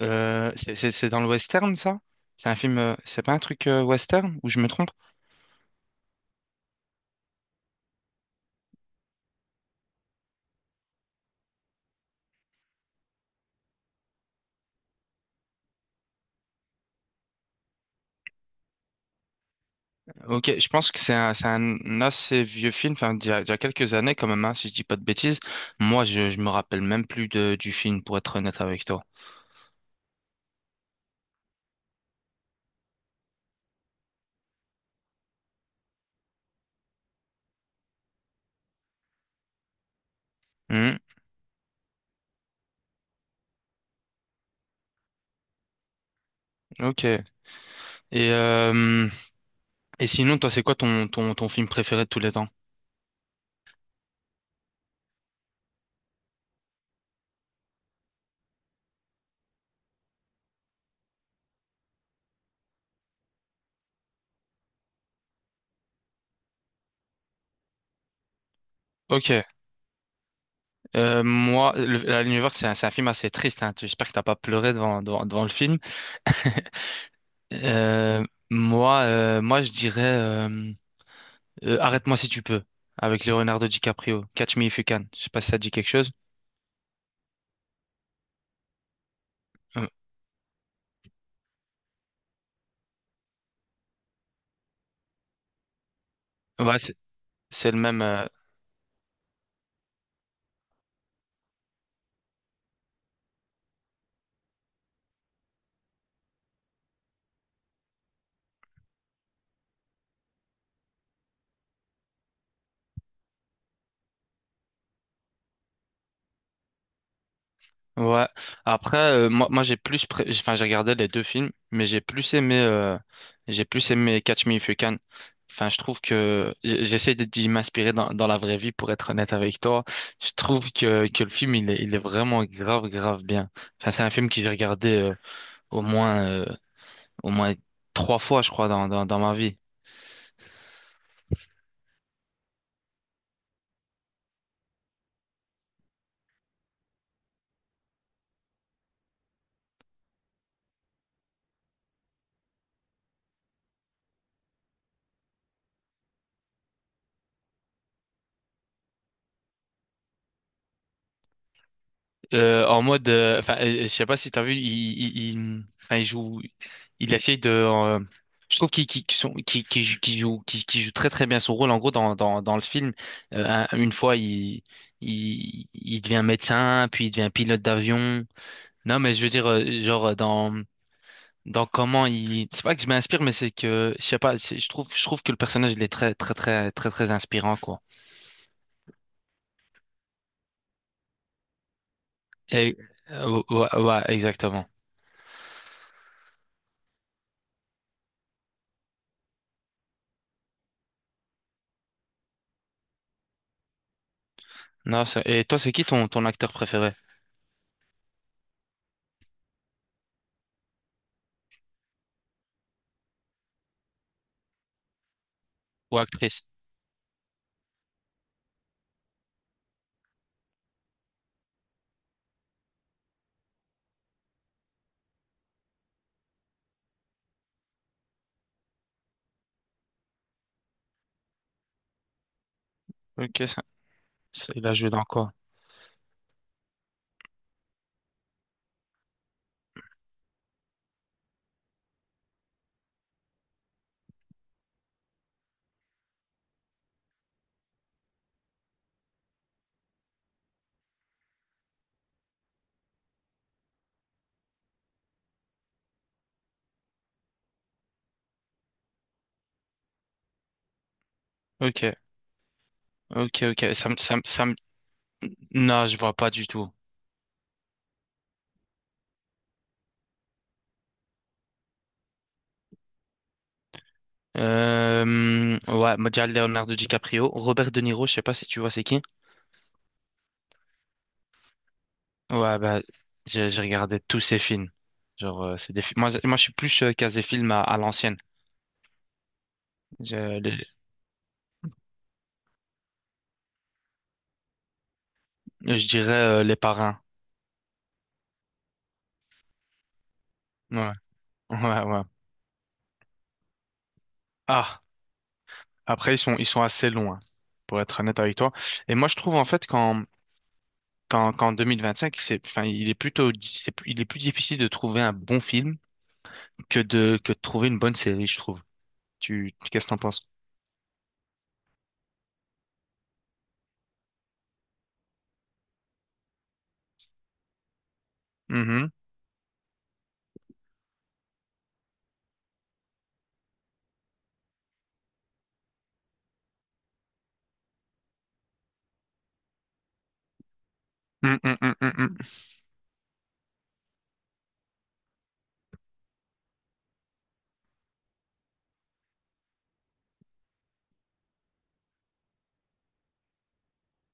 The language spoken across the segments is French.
C'est dans le western, ça? C'est un film, c'est pas un truc western ou je me trompe? Ok, je pense que c'est un assez vieux film, enfin, d'il y a quelques années quand même, hein, si je dis pas de bêtises. Moi, je me rappelle même plus du film, pour être honnête avec toi. Hmm, ok. Et, euh, et sinon, toi, c'est quoi ton film préféré de tous les temps? Ok. Moi, la Lune c'est un film assez triste, hein. J'espère que t'as pas pleuré devant le film. Euh, Moi, je dirais. Arrête-moi si tu peux, avec Leonardo DiCaprio. Catch Me If You Can. Je sais pas si ça te dit quelque chose. Euh, ouais, c'est le même. Ouais. Après, moi j'ai plus, pré- j'ai- enfin, j'ai regardé les deux films, mais j'ai plus aimé Catch Me If You Can. Enfin, je trouve que j'essaie de d'y m'inspirer dans, dans la vraie vie, pour être honnête avec toi. Je trouve que le film, il est vraiment grave, grave bien. Enfin, c'est un film que j'ai regardé au moins, euh, au moins trois fois, je crois, dans ma vie. En mode, je sais pas si t'as vu, il joue, il essaye de, je trouve qu'il qu'il- qu'il sont- qu'il- qu'il joue, qu'il joue, qu'il- qu'il joue très très bien son rôle. En gros, dans le film, euh, une fois il devient médecin, puis il devient pilote d'avion. Non, mais je veux dire, genre c'est pas que je m'inspire, mais c'est que je sais pas, je trouve que le personnage il est très très très très très inspirant quoi. Et ouais, ouais, exactement. Non, c'est- et toi, c'est qui ton acteur préféré? Ou actrice. Ok, il a joué dans quoi? Ok, ok, ok. Ça me... Non, je vois pas du tout. Ouais, moi, Leonardo DiCaprio, Robert De Niro, je sais pas si tu vois c'est qui. Ouais, bah, j'ai regardé tous ses films. Genre, c'est des films. Moi, je suis plus casé film à l'ancienne. Je, les- je dirais Les Parrains. Ouais, ouais. Ah, après, ils sont assez longs, hein, pour être honnête avec toi. Et moi, je trouve en fait quand qu'en qu'en cinq c'est, enfin, il est plus difficile de trouver un bon film que de trouver une bonne série, je trouve. Qu'est-ce que t'en penses? Mhm. Mm, mm, mm, mm, mm.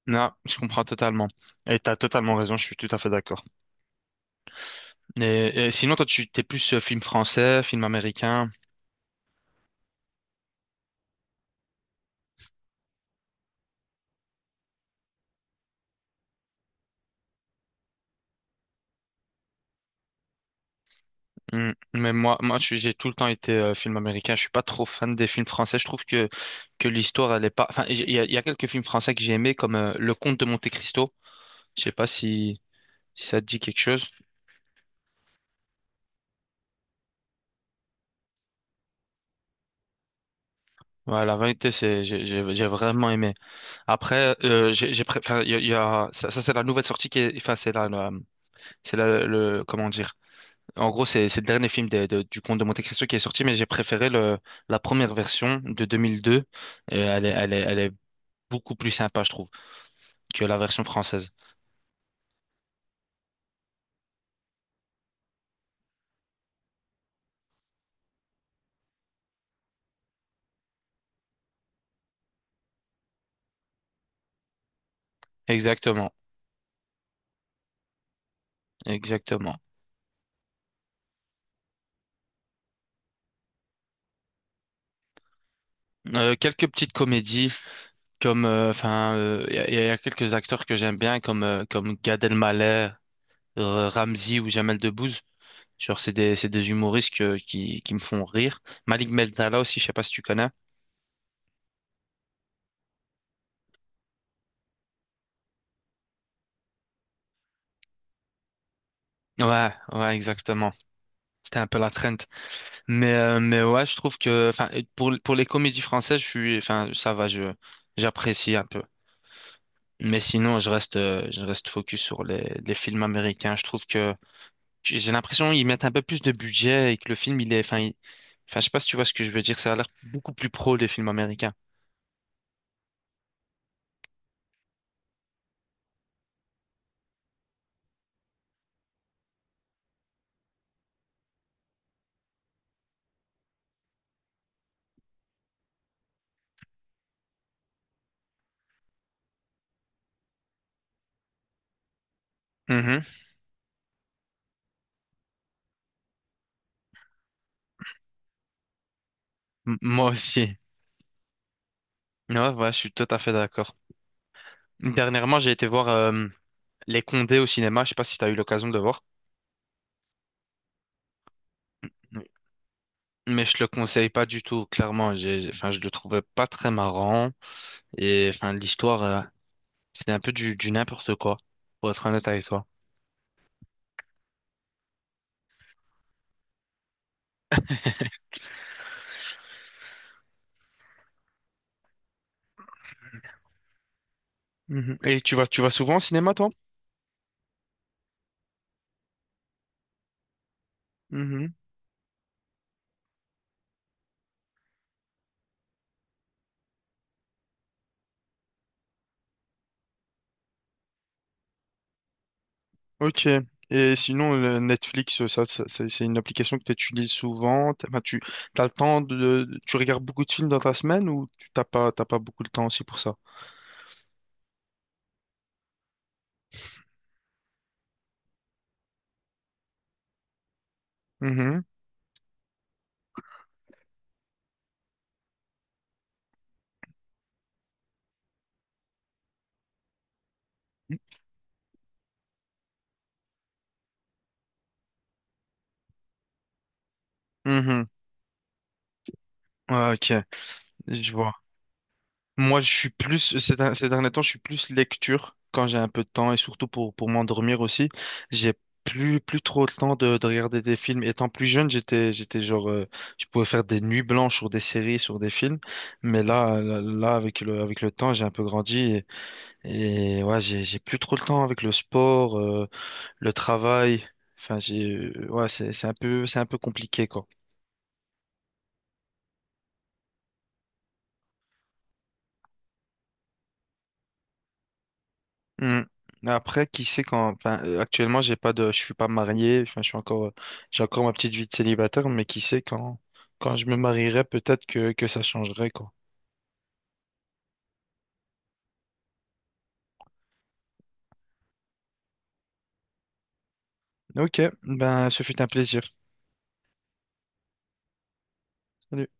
Non, je comprends totalement. Et t'as totalement raison, je suis tout à fait d'accord. Et sinon, toi, tu t'es plus film français, film américain. Mm. Mais j'ai tout le temps été film américain. Je suis pas trop fan des films français. Je trouve que l'histoire, elle est pas. Enfin, il y a quelques films français que j'ai aimés, comme Le Comte de Monte-Cristo. Je sais pas si ça te dit quelque chose. Ouais, la vérité, c'est, j'ai vraiment aimé. Après, j'ai pré- enfin, il y a- c'est la nouvelle sortie qui est, enfin, c'est là, le, comment dire. En gros, c'est le dernier film du Comte de Monte-Cristo qui est sorti, mais j'ai préféré la première version de 2002. Et elle est beaucoup plus sympa, je trouve, que la version française. Exactement, exactement. Quelques petites comédies, il y, a quelques acteurs que j'aime bien, comme Gad Elmaleh, Ramzy ou Jamel Debbouze. Genre, c'est des humoristes qui me font rire. Malik Bentala aussi, je sais pas si tu connais. Ouais, ouais, exactement. C'était un peu la trend. Mais ouais, je trouve que, enfin, pour les comédies françaises, ça va, j'apprécie un peu. Mais sinon, je reste focus sur les films américains. Je trouve que j'ai l'impression qu'ils mettent un peu plus de budget et que le film, il est, enfin, il- enfin, je sais pas si tu vois ce que je veux dire. Ça a l'air beaucoup plus pro, les films américains. Mhm. Moi aussi. Ouais, ouais, je suis tout à fait d'accord. Dernièrement, j'ai été voir Les Condés au cinéma. Je sais pas si tu as eu l'occasion de le voir. Oui. Mais je le conseille pas du tout, clairement. Je le trouvais pas très marrant. Et enfin, l'histoire, c'était un peu du n'importe quoi, pour être honnête avec toi. Mhm. Et tu vas souvent au cinéma, toi? Ok. Et sinon, le Netflix, c'est une application que tu utilises souvent. Enfin, tu as le temps de, tu regardes beaucoup de films dans ta semaine ou tu t'as pas beaucoup de temps aussi pour ça? Mhm. Mhm. Ah, ok, je vois. Moi, je suis plus, ces derniers temps, je suis plus lecture quand j'ai un peu de temps et surtout pour m'endormir aussi. J'ai plus trop le temps de regarder des films. Étant plus jeune, j'étais genre, je pouvais faire des nuits blanches sur des séries, sur des films. Mais là, avec avec le temps, j'ai un peu grandi et ouais, j'ai plus trop le temps avec le sport, le travail. Enfin, ouais, c'est un peu compliqué, quoi. Hmm. Après, qui sait quand. Enfin, actuellement, j'ai pas de. Je suis pas marié. Enfin, je suis encore. J'ai encore ma petite vie de célibataire, mais qui sait quand. Quand je me marierai, peut-être que ça changerait, quoi. Ok. Ben, ce fut un plaisir. Salut.